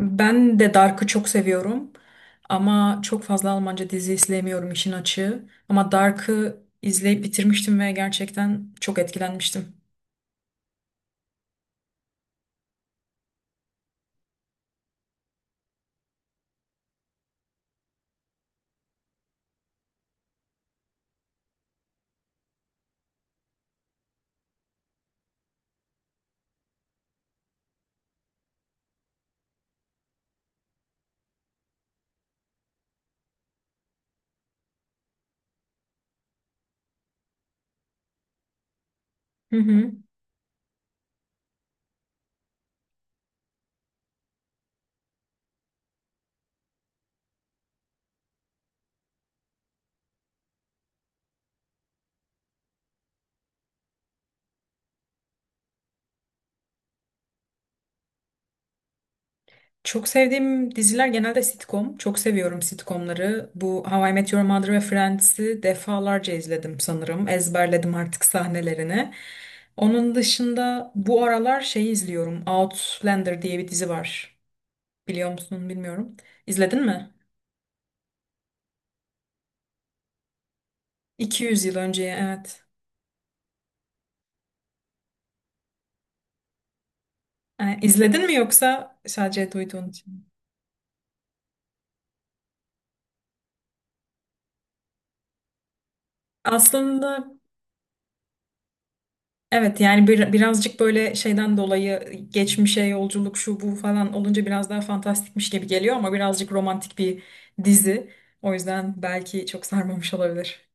Ben de Dark'ı çok seviyorum ama çok fazla Almanca dizi izleyemiyorum işin açığı. Ama Dark'ı izleyip bitirmiştim ve gerçekten çok etkilenmiştim. Hı hı. Çok sevdiğim diziler genelde sitcom. Çok seviyorum sitcomları. Bu How I Met Your Mother ve Friends'i defalarca izledim sanırım. Ezberledim artık sahnelerini. Onun dışında bu aralar şeyi izliyorum. Outlander diye bir dizi var. Biliyor musun bilmiyorum. İzledin mi? 200 yıl önce, evet. İzledin mi yoksa sadece duyduğun için mi? Aslında evet, yani birazcık böyle şeyden dolayı, geçmişe yolculuk şu bu falan olunca biraz daha fantastikmiş gibi geliyor ama birazcık romantik bir dizi. O yüzden belki çok sarmamış olabilir.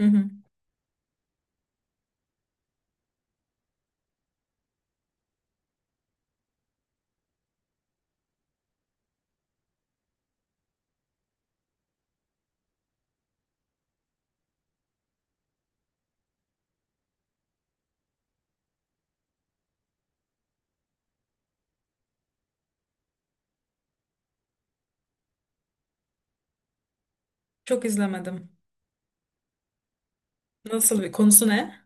Hı hı. Çok izlemedim. Nasıl bir konusu, ne?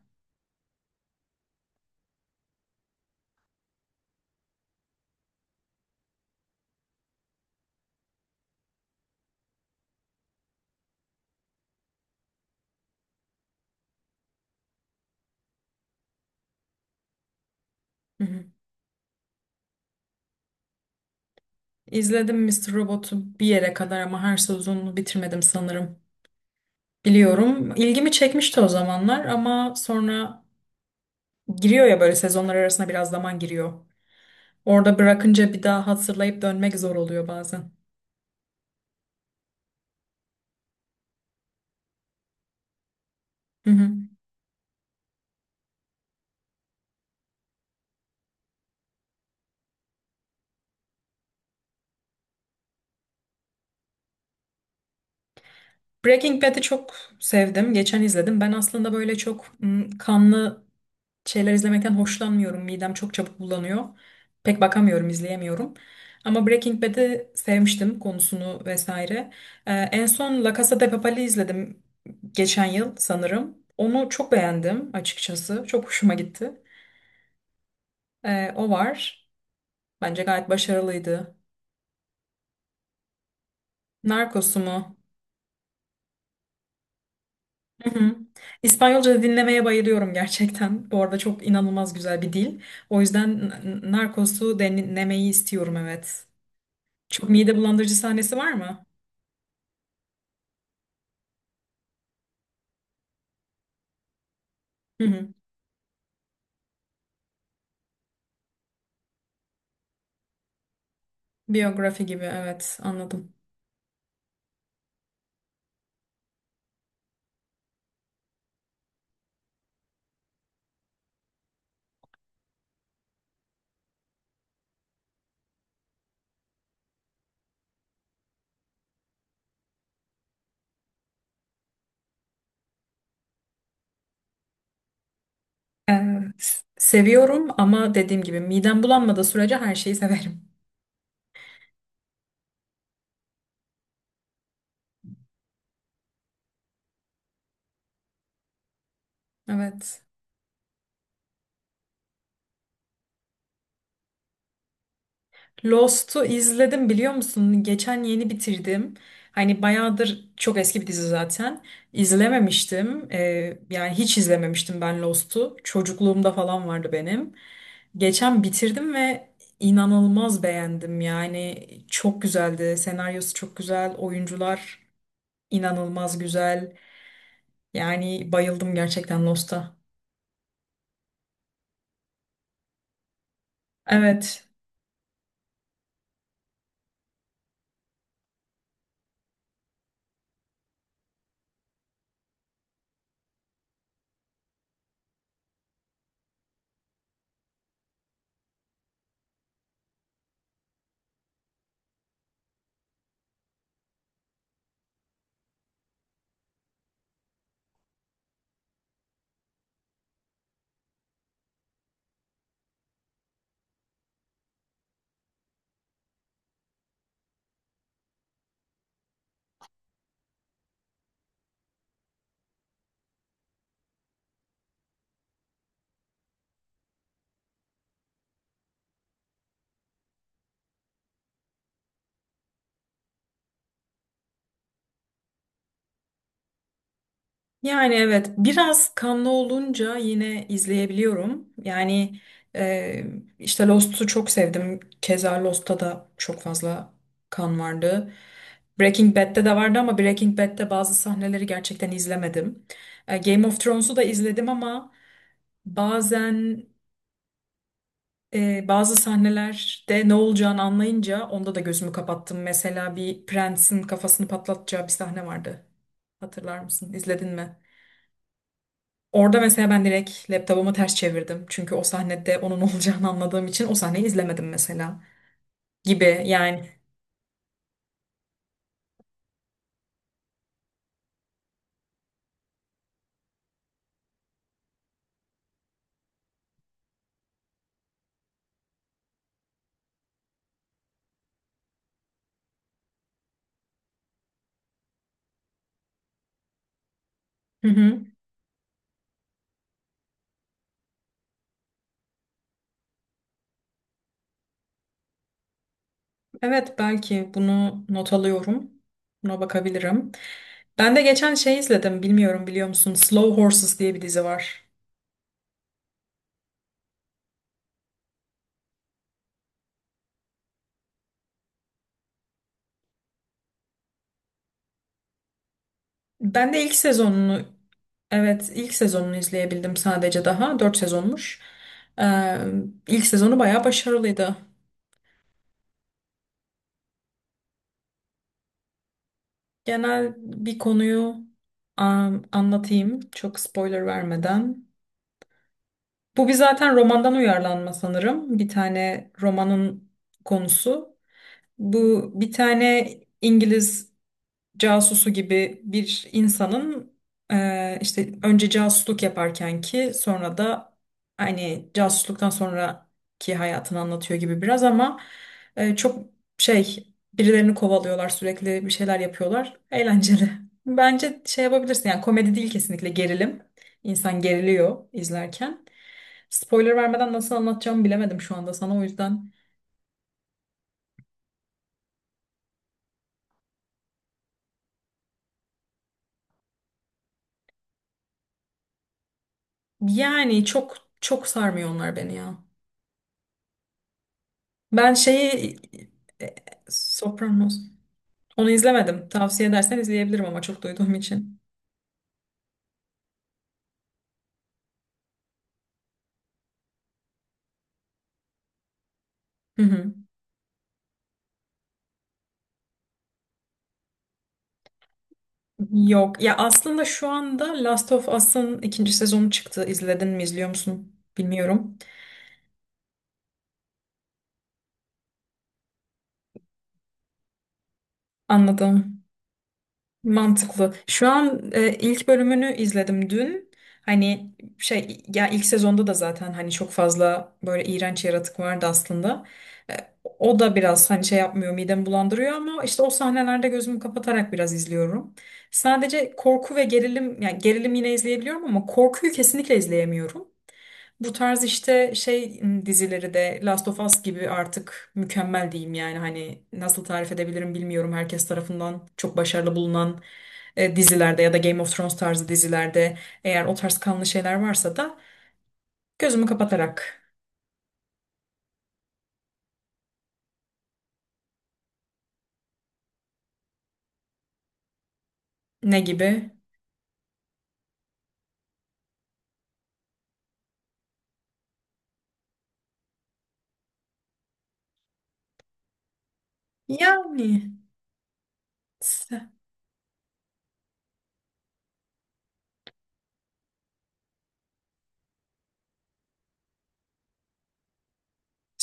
Hı hı. İzledim Mister Robot'u bir yere kadar ama her sezonunu bitirmedim sanırım. Biliyorum. İlgimi çekmişti o zamanlar ama sonra giriyor ya, böyle sezonlar arasında biraz zaman giriyor. Orada bırakınca bir daha hazırlayıp dönmek zor oluyor bazen. Hı hı. Breaking Bad'i çok sevdim. Geçen izledim. Ben aslında böyle çok kanlı şeyler izlemekten hoşlanmıyorum. Midem çok çabuk bulanıyor. Pek bakamıyorum, izleyemiyorum. Ama Breaking Bad'i sevmiştim, konusunu vesaire. En son La Casa de Papel'i izledim geçen yıl sanırım. Onu çok beğendim açıkçası. Çok hoşuma gitti. O var. Bence gayet başarılıydı. Narcos'u mu? Hı hı. İspanyolca dinlemeye bayılıyorum gerçekten. Bu arada çok inanılmaz güzel bir dil. O yüzden Narcos'u dinlemeyi istiyorum, evet. Çok mide bulandırıcı sahnesi var mı? Hı hı. Biyografi gibi, evet, anladım. Evet. Seviyorum ama dediğim gibi midem bulanmadığı sürece her şeyi severim. Evet. Lost'u izledim, biliyor musun? Geçen yeni bitirdim. Hani bayağıdır çok eski bir dizi zaten. İzlememiştim. Yani hiç izlememiştim ben Lost'u. Çocukluğumda falan vardı benim. Geçen bitirdim ve inanılmaz beğendim. Yani çok güzeldi. Senaryosu çok güzel. Oyuncular inanılmaz güzel. Yani bayıldım gerçekten Lost'a. Evet. Yani evet, biraz kanlı olunca yine izleyebiliyorum. Yani e, işte Lost'u çok sevdim. Keza Lost'ta da çok fazla kan vardı. Breaking Bad'de de vardı ama Breaking Bad'de bazı sahneleri gerçekten izlemedim. Game of Thrones'u da izledim ama bazen bazı sahnelerde ne olacağını anlayınca onda da gözümü kapattım. Mesela bir prensin kafasını patlatacağı bir sahne vardı. Hatırlar mısın? İzledin mi? Orada mesela ben direkt laptopumu ters çevirdim. Çünkü o sahnede onun olacağını anladığım için o sahneyi izlemedim mesela. Gibi yani. Hı hı. Evet, belki bunu not alıyorum. Buna bakabilirim. Ben de geçen şey izledim. Bilmiyorum, biliyor musun? Slow Horses diye bir dizi var. Ben de ilk sezonunu Evet, ilk sezonunu izleyebildim sadece daha. Dört sezonmuş. Ee, ilk sezonu bayağı başarılıydı. Genel bir konuyu anlatayım çok spoiler vermeden. Bu bir zaten romandan uyarlanma sanırım. Bir tane romanın konusu. Bu bir tane İngiliz casusu gibi bir insanın işte önce casusluk yaparken ki sonra da hani casusluktan sonraki hayatını anlatıyor gibi biraz, ama çok şey, birilerini kovalıyorlar, sürekli bir şeyler yapıyorlar, eğlenceli. Bence şey yapabilirsin, yani komedi değil, kesinlikle gerilim. İnsan geriliyor izlerken. Spoiler vermeden nasıl anlatacağımı bilemedim şu anda sana, o yüzden. Yani çok çok sarmıyor onlar beni ya. Ben şeyi e, Sopranos. Onu izlemedim. Tavsiye edersen izleyebilirim ama, çok duyduğum için. Hı hı. Yok. Ya aslında şu anda Last of Us'ın ikinci sezonu çıktı. İzledin mi, izliyor musun? Bilmiyorum. Anladım. Mantıklı. Şu an ilk bölümünü izledim dün. Hani şey ya, ilk sezonda da zaten hani çok fazla böyle iğrenç yaratık vardı aslında. E, o da biraz hani şey yapmıyor, midemi bulandırıyor ama işte o sahnelerde gözümü kapatarak biraz izliyorum. Sadece korku ve gerilim, yani gerilim yine izleyebiliyorum ama korkuyu kesinlikle izleyemiyorum. Bu tarz işte şey dizileri de, Last of Us gibi artık mükemmel diyeyim yani, hani nasıl tarif edebilirim bilmiyorum, herkes tarafından çok başarılı bulunan dizilerde ya da Game of Thrones tarzı dizilerde eğer o tarz kanlı şeyler varsa da gözümü kapatarak. Ne gibi? Yani s-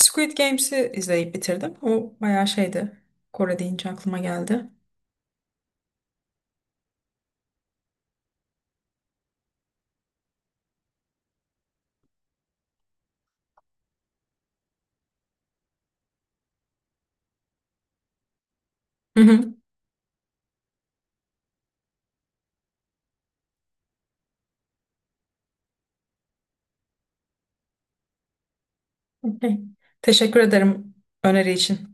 Squid Games'i izleyip bitirdim. O bayağı şeydi. Kore deyince aklıma geldi. Hı hı. Okey. Teşekkür ederim öneri için.